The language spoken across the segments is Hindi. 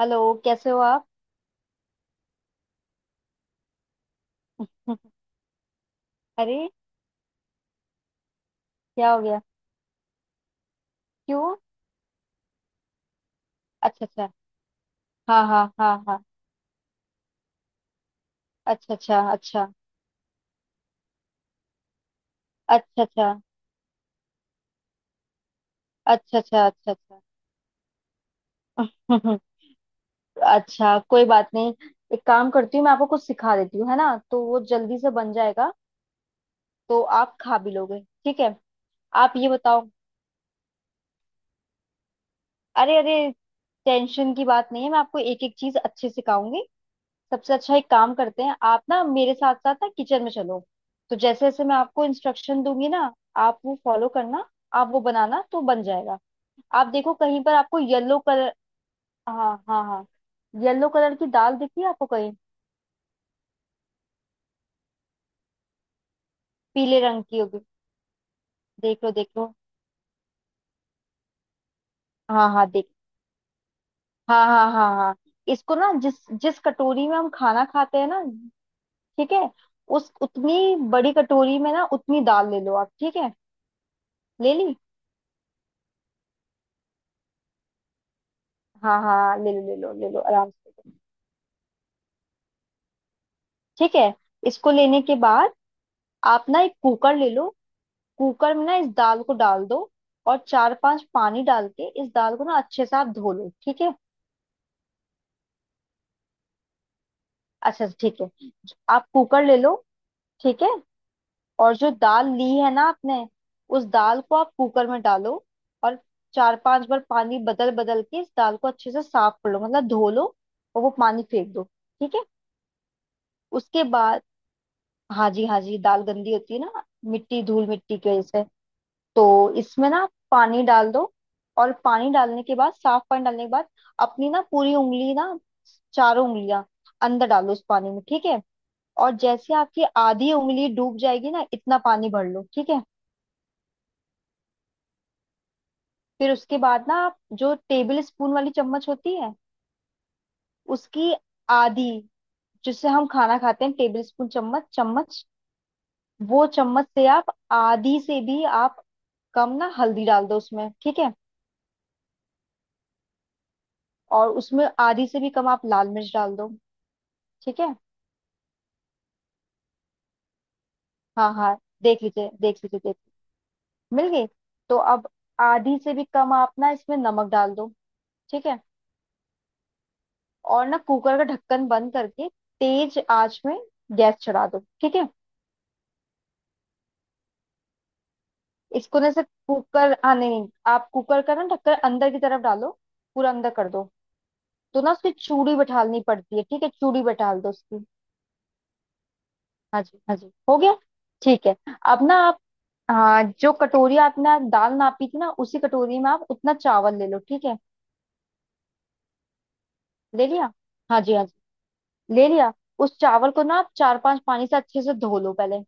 हेलो। कैसे हो आप? अरे क्या हो गया? क्यों? अच्छा अच्छा। हाँ हाँ हाँ हाँ। अच्छा अच्छा अच्छा। अच्छा। अच्छा अच्छा। अच्छा। अच्छा अच्छा। अच्छा, कोई बात नहीं। एक काम करती हूँ, मैं आपको कुछ सिखा देती हूँ, है ना, तो वो जल्दी से बन जाएगा। तो आप खा भी लोगे। ठीक है, आप ये बताओ। अरे अरे, टेंशन की बात नहीं है, मैं आपको एक एक चीज अच्छे से सिखाऊंगी। सबसे अच्छा एक काम करते हैं, आप ना मेरे साथ साथ ना किचन में चलो। तो जैसे जैसे मैं आपको इंस्ट्रक्शन दूंगी ना, आप वो फॉलो करना। आप वो बनाना तो बन जाएगा। आप देखो कहीं पर आपको येलो कलर। हाँ हाँ हाँ। येलो कलर की दाल दिखी है आपको कहीं? पीले रंग की होगी। देख लो देख लो। हाँ हाँ देख। हाँ हाँ हाँ हाँ। इसको ना जिस जिस कटोरी में हम खाना खाते हैं ना, ठीक है, उस उतनी बड़ी कटोरी में ना उतनी दाल ले लो आप। ठीक है, ले ली? हाँ हाँ ले लो ले लो ले लो आराम से। ठीक है, इसको लेने के बाद आप ना एक कुकर ले लो। कुकर में ना इस दाल को डाल दो। और चार पांच पानी डाल के इस दाल को ना अच्छे से आप धो लो। ठीक है? अच्छा ठीक है, आप कुकर ले लो। ठीक है। और जो दाल ली है ना आपने, उस दाल को आप कुकर में डालो। और चार पांच बार पानी बदल बदल के इस दाल को अच्छे से साफ कर लो, मतलब धो लो। और वो पानी फेंक दो। ठीक है? उसके बाद, हाँ जी हाँ जी, दाल गंदी होती है ना, मिट्टी, धूल मिट्टी की वजह से। तो इसमें ना पानी डाल दो। और पानी डालने के बाद, साफ पानी डालने के बाद अपनी ना पूरी उंगली ना, चारों उंगलियां अंदर डालो उस पानी में। ठीक है? और जैसे आपकी आधी उंगली डूब जाएगी ना, इतना पानी भर लो। ठीक है? फिर उसके बाद ना आप जो टेबल स्पून वाली चम्मच होती है, उसकी आधी, जिससे हम खाना खाते हैं, टेबल स्पून, चम्मच चम्मच, वो चम्मच से आप आधी से भी आप कम ना हल्दी डाल दो उसमें। ठीक है? और उसमें आधी से भी कम आप लाल मिर्च डाल दो। ठीक है? हाँ हाँ देख लीजिए देख लीजिए देख लीजिए। मिल गई? तो अब आधी से भी कम आप ना इसमें नमक डाल दो। ठीक है? और ना कुकर का ढक्कन बंद करके तेज आंच में गैस चढ़ा दो। ठीक है? इसको ना से कुकर, हाँ नहीं नहीं, आप कुकर का ना ढक्कन अंदर की तरफ डालो। पूरा अंदर कर दो। तो ना उसकी चूड़ी बैठालनी पड़ती है। ठीक है, चूड़ी बैठाल दो उसकी। हाँ जी हाँ जी, हो गया। ठीक है। अब ना आप, हाँ जो कटोरी आपने दाल नापी थी ना, उसी कटोरी में आप उतना चावल ले लो। ठीक है, ले लिया? हाँ जी हाँ जी, ले लिया। उस चावल को ना आप चार पांच पानी से अच्छे से धो लो पहले।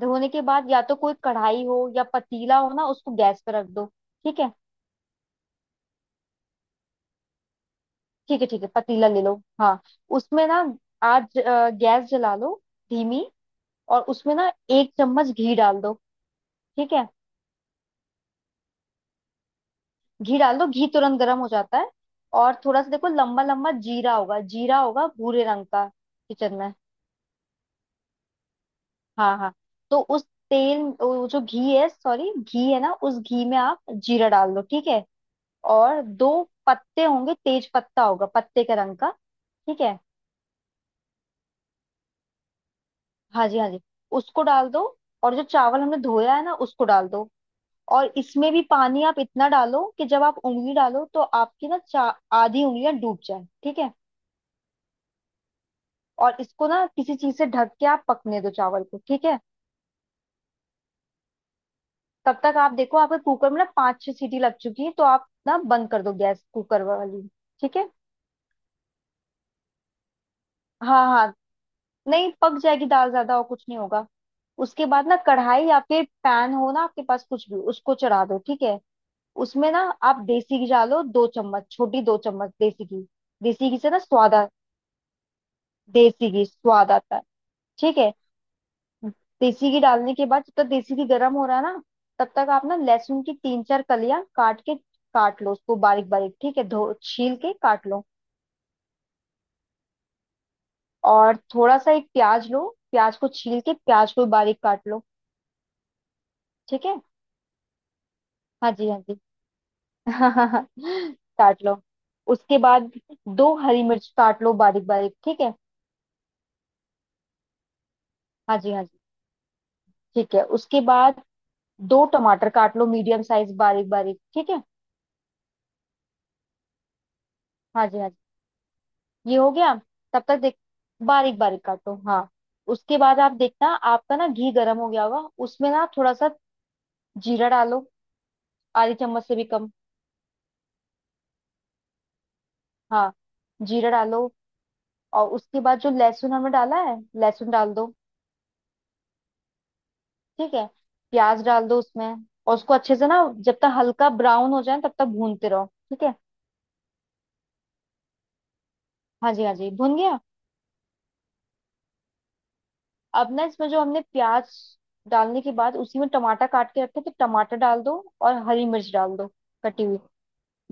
धोने के बाद या तो कोई कढ़ाई हो या पतीला हो ना, उसको गैस पे रख दो। ठीक है? ठीक है ठीक है, पतीला ले लो। हाँ, उसमें ना गैस जला लो, धीमी। और उसमें ना एक चम्मच घी डाल दो। ठीक है? घी डाल दो, घी तुरंत गर्म हो जाता है। और थोड़ा सा देखो, लंबा लंबा जीरा होगा, जीरा होगा भूरे रंग का, किचन में। हाँ हाँ। तो उस तेल, वो जो घी है, सॉरी घी है ना, उस घी में आप जीरा डाल दो। ठीक है? और दो पत्ते होंगे, तेज पत्ता होगा, पत्ते के रंग का। ठीक है? हाँ जी हाँ जी, उसको डाल दो। और जो चावल हमने धोया है ना, उसको डाल दो। और इसमें भी पानी आप इतना डालो कि जब आप उंगली डालो तो आपकी ना चा, आधी उंगलियां डूब जाए। ठीक है? और इसको ना किसी चीज से ढक के आप पकने दो चावल को। ठीक है? तब तक आप देखो, आपके कुकर में ना पांच छह सीटी लग चुकी है तो आप ना बंद कर दो गैस कुकर वाली। ठीक है? हाँ हाँ, नहीं, पक जाएगी दाल ज्यादा, और कुछ नहीं होगा। उसके बाद ना कढ़ाई या फिर पैन हो ना आपके पास कुछ भी, उसको चढ़ा दो। ठीक है? उसमें ना आप देसी घी डालो, दो चम्मच छोटी, दो चम्मच देसी घी। देसी घी से ना स्वाद आ, देसी घी स्वाद आता है। ठीक है? देसी घी डालने के बाद जब तक देसी घी गर्म हो रहा है ना, तब तक आप ना लहसुन की तीन चार कलियां काट के, काट लो उसको बारीक बारीक। ठीक है, धो छील के काट लो। और थोड़ा सा एक प्याज लो, प्याज को छील के प्याज को बारीक काट लो। ठीक है? हाँ जी हाँ जी। काट लो। उसके बाद दो हरी मिर्च काट लो बारीक बारीक। ठीक है? हाँ जी हाँ जी। ठीक है, उसके बाद दो टमाटर काट लो, मीडियम साइज, बारीक बारीक। ठीक है? हाँ जी हाँ जी, ये हो गया। तब तक देख, बारीक बारीक काटो, हाँ। उसके बाद आप देखना, आपका ना घी गर्म हो गया होगा, उसमें ना थोड़ा सा जीरा डालो, आधी चम्मच से भी कम। हाँ, जीरा डालो। और उसके बाद जो लहसुन हमने डाला है, लहसुन डाल दो। ठीक है? प्याज डाल दो उसमें। और उसको अच्छे से ना जब तक हल्का ब्राउन हो जाए तब तक भूनते रहो। ठीक है? हाँ जी हाँ जी, भून गया। अब ना इसमें जो हमने प्याज डालने के बाद उसी में टमाटर काट के रखे थे, टमाटर डाल दो और हरी मिर्च डाल दो, कटी हुई।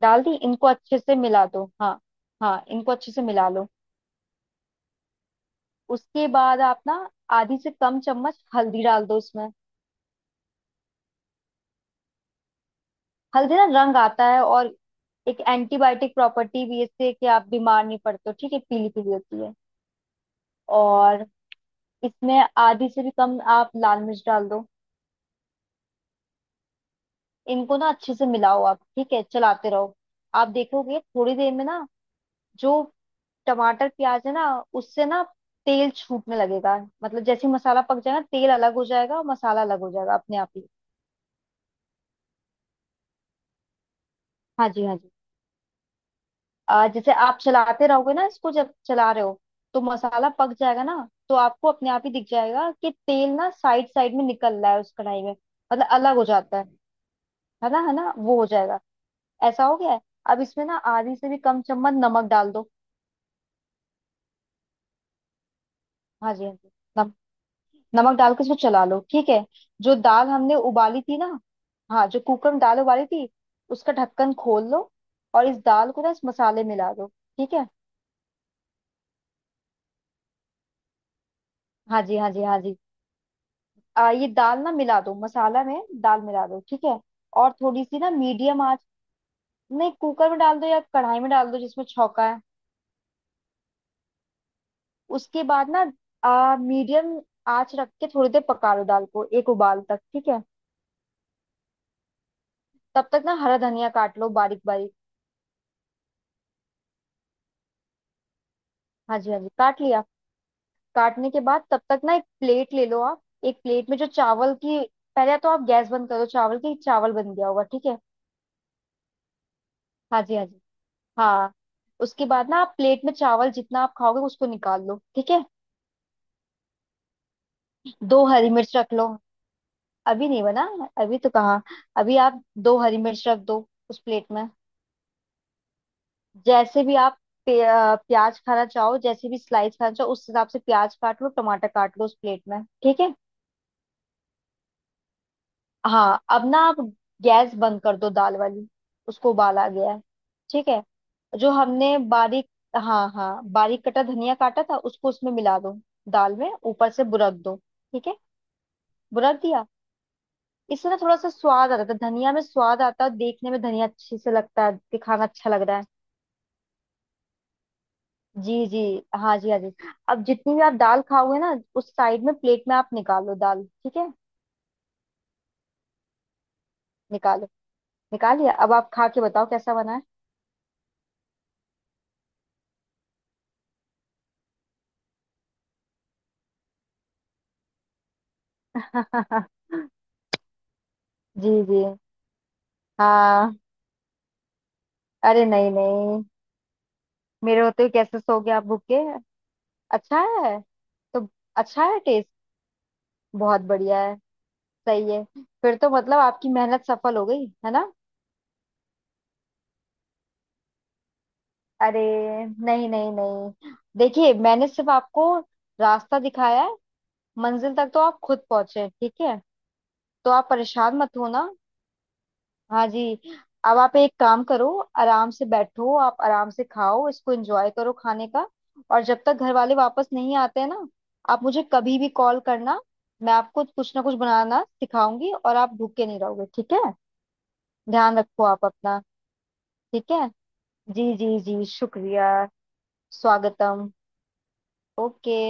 डाल दी? इनको अच्छे से मिला दो, हाँ हाँ, इनको अच्छे से मिला लो। उसके बाद आप ना आधी से कम चम्मच हल्दी डाल दो इसमें। हल्दी ना रंग आता है, और एक एंटीबायोटिक प्रॉपर्टी भी है इससे कि आप बीमार नहीं पड़ते हो। ठीक है, पीली पीली होती है। और इसमें आधी से भी कम आप लाल मिर्च डाल दो। इनको ना अच्छे से मिलाओ आप। ठीक है, चलाते रहो। आप देखोगे थोड़ी देर में ना, जो टमाटर प्याज है ना, उससे ना तेल छूटने लगेगा। मतलब जैसे ही मसाला पक जाएगा, तेल अलग हो जाएगा और मसाला अलग हो जाएगा अपने आप ही। हाँ जी हाँ जी। जैसे आप चलाते रहोगे ना इसको, जब चला रहे हो तो मसाला पक जाएगा ना, तो आपको अपने आप ही दिख जाएगा कि तेल ना साइड साइड में निकल रहा है उस कढ़ाई में, मतलब अलग हो जाता है। है ना, है ना, वो हो जाएगा। ऐसा हो गया है। अब इसमें ना आधी से भी कम चम्मच नमक डाल दो। हाँ जी हाँ जी। नम, नमक डाल के इसको चला लो। ठीक है? जो दाल हमने उबाली थी ना, हाँ जो कुकर में दाल उबाली थी, उसका ढक्कन खोल लो। और इस दाल को ना इस मसाले में मिला दो। ठीक है? हाँ जी हाँ जी हाँ जी। ये दाल ना मिला दो मसाला में, दाल मिला दो। ठीक है? और थोड़ी सी ना मीडियम आंच, नहीं कुकर में डाल दो या कढ़ाई में डाल दो जिसमें छौंका है। उसके बाद ना मीडियम आंच रख के थोड़ी देर पका लो दाल को, एक उबाल तक। ठीक है? तब तक ना हरा धनिया काट लो बारीक बारीक। हाँ जी हाँ जी, काट लिया। काटने के बाद तब तक ना एक प्लेट ले लो आप, एक प्लेट में जो चावल की, पहले तो आप गैस बंद करो, चावल की, चावल बन गया होगा। ठीक है? हाँ जी हाँ जी हाँ। उसके बाद ना आप प्लेट में चावल जितना आप खाओगे उसको निकाल लो। ठीक है? दो हरी मिर्च रख लो। अभी नहीं बना, अभी तो कहाँ। अभी आप दो हरी मिर्च रख दो उस प्लेट में। जैसे भी आप प्याज खाना चाहो, जैसे भी स्लाइस खाना चाहो उस हिसाब से प्याज काट लो, टमाटर काट लो उस प्लेट में। ठीक है? हाँ, अब ना आप गैस बंद कर दो दाल वाली, उसको उबाल आ गया है। ठीक है? जो हमने बारीक, हाँ हाँ बारीक कटा धनिया काटा था, उसको उसमें मिला दो, दाल में ऊपर से बुरक दो। ठीक है? बुरक दिया? इससे ना थोड़ा सा स्वाद आता है, धनिया में स्वाद आता है, और देखने में धनिया अच्छी से लगता है, दिखाना अच्छा लग रहा है। जी जी, हाँ जी हाँ जी। अब जितनी भी आप दाल खाओगे ना, उस साइड में प्लेट में आप निकालो दाल। ठीक है, निकालो। निकालिए। अब आप खा के बताओ कैसा बना है। जी जी, हाँ। अरे नहीं नहीं, मेरे होते हुए कैसे सो गया आप भूखे? अच्छा है? तो अच्छा है टेस्ट। बहुत बढ़िया है, सही है। फिर तो मतलब आपकी मेहनत सफल हो गई है ना? अरे नहीं नहीं नहीं, देखिए मैंने सिर्फ आपको रास्ता दिखाया है, मंजिल तक तो आप खुद पहुंचे। ठीक है, तो आप परेशान मत होना। हाँ जी। अब आप एक काम करो, आराम से बैठो, आप आराम से खाओ, इसको एंजॉय करो खाने का। और जब तक घर वाले वापस नहीं आते हैं ना, आप मुझे कभी भी कॉल करना, मैं आपको कुछ ना कुछ बनाना सिखाऊंगी और आप भूखे नहीं रहोगे। ठीक है? ध्यान रखो आप अपना। ठीक है, जी जी जी, शुक्रिया। स्वागतम। ओके।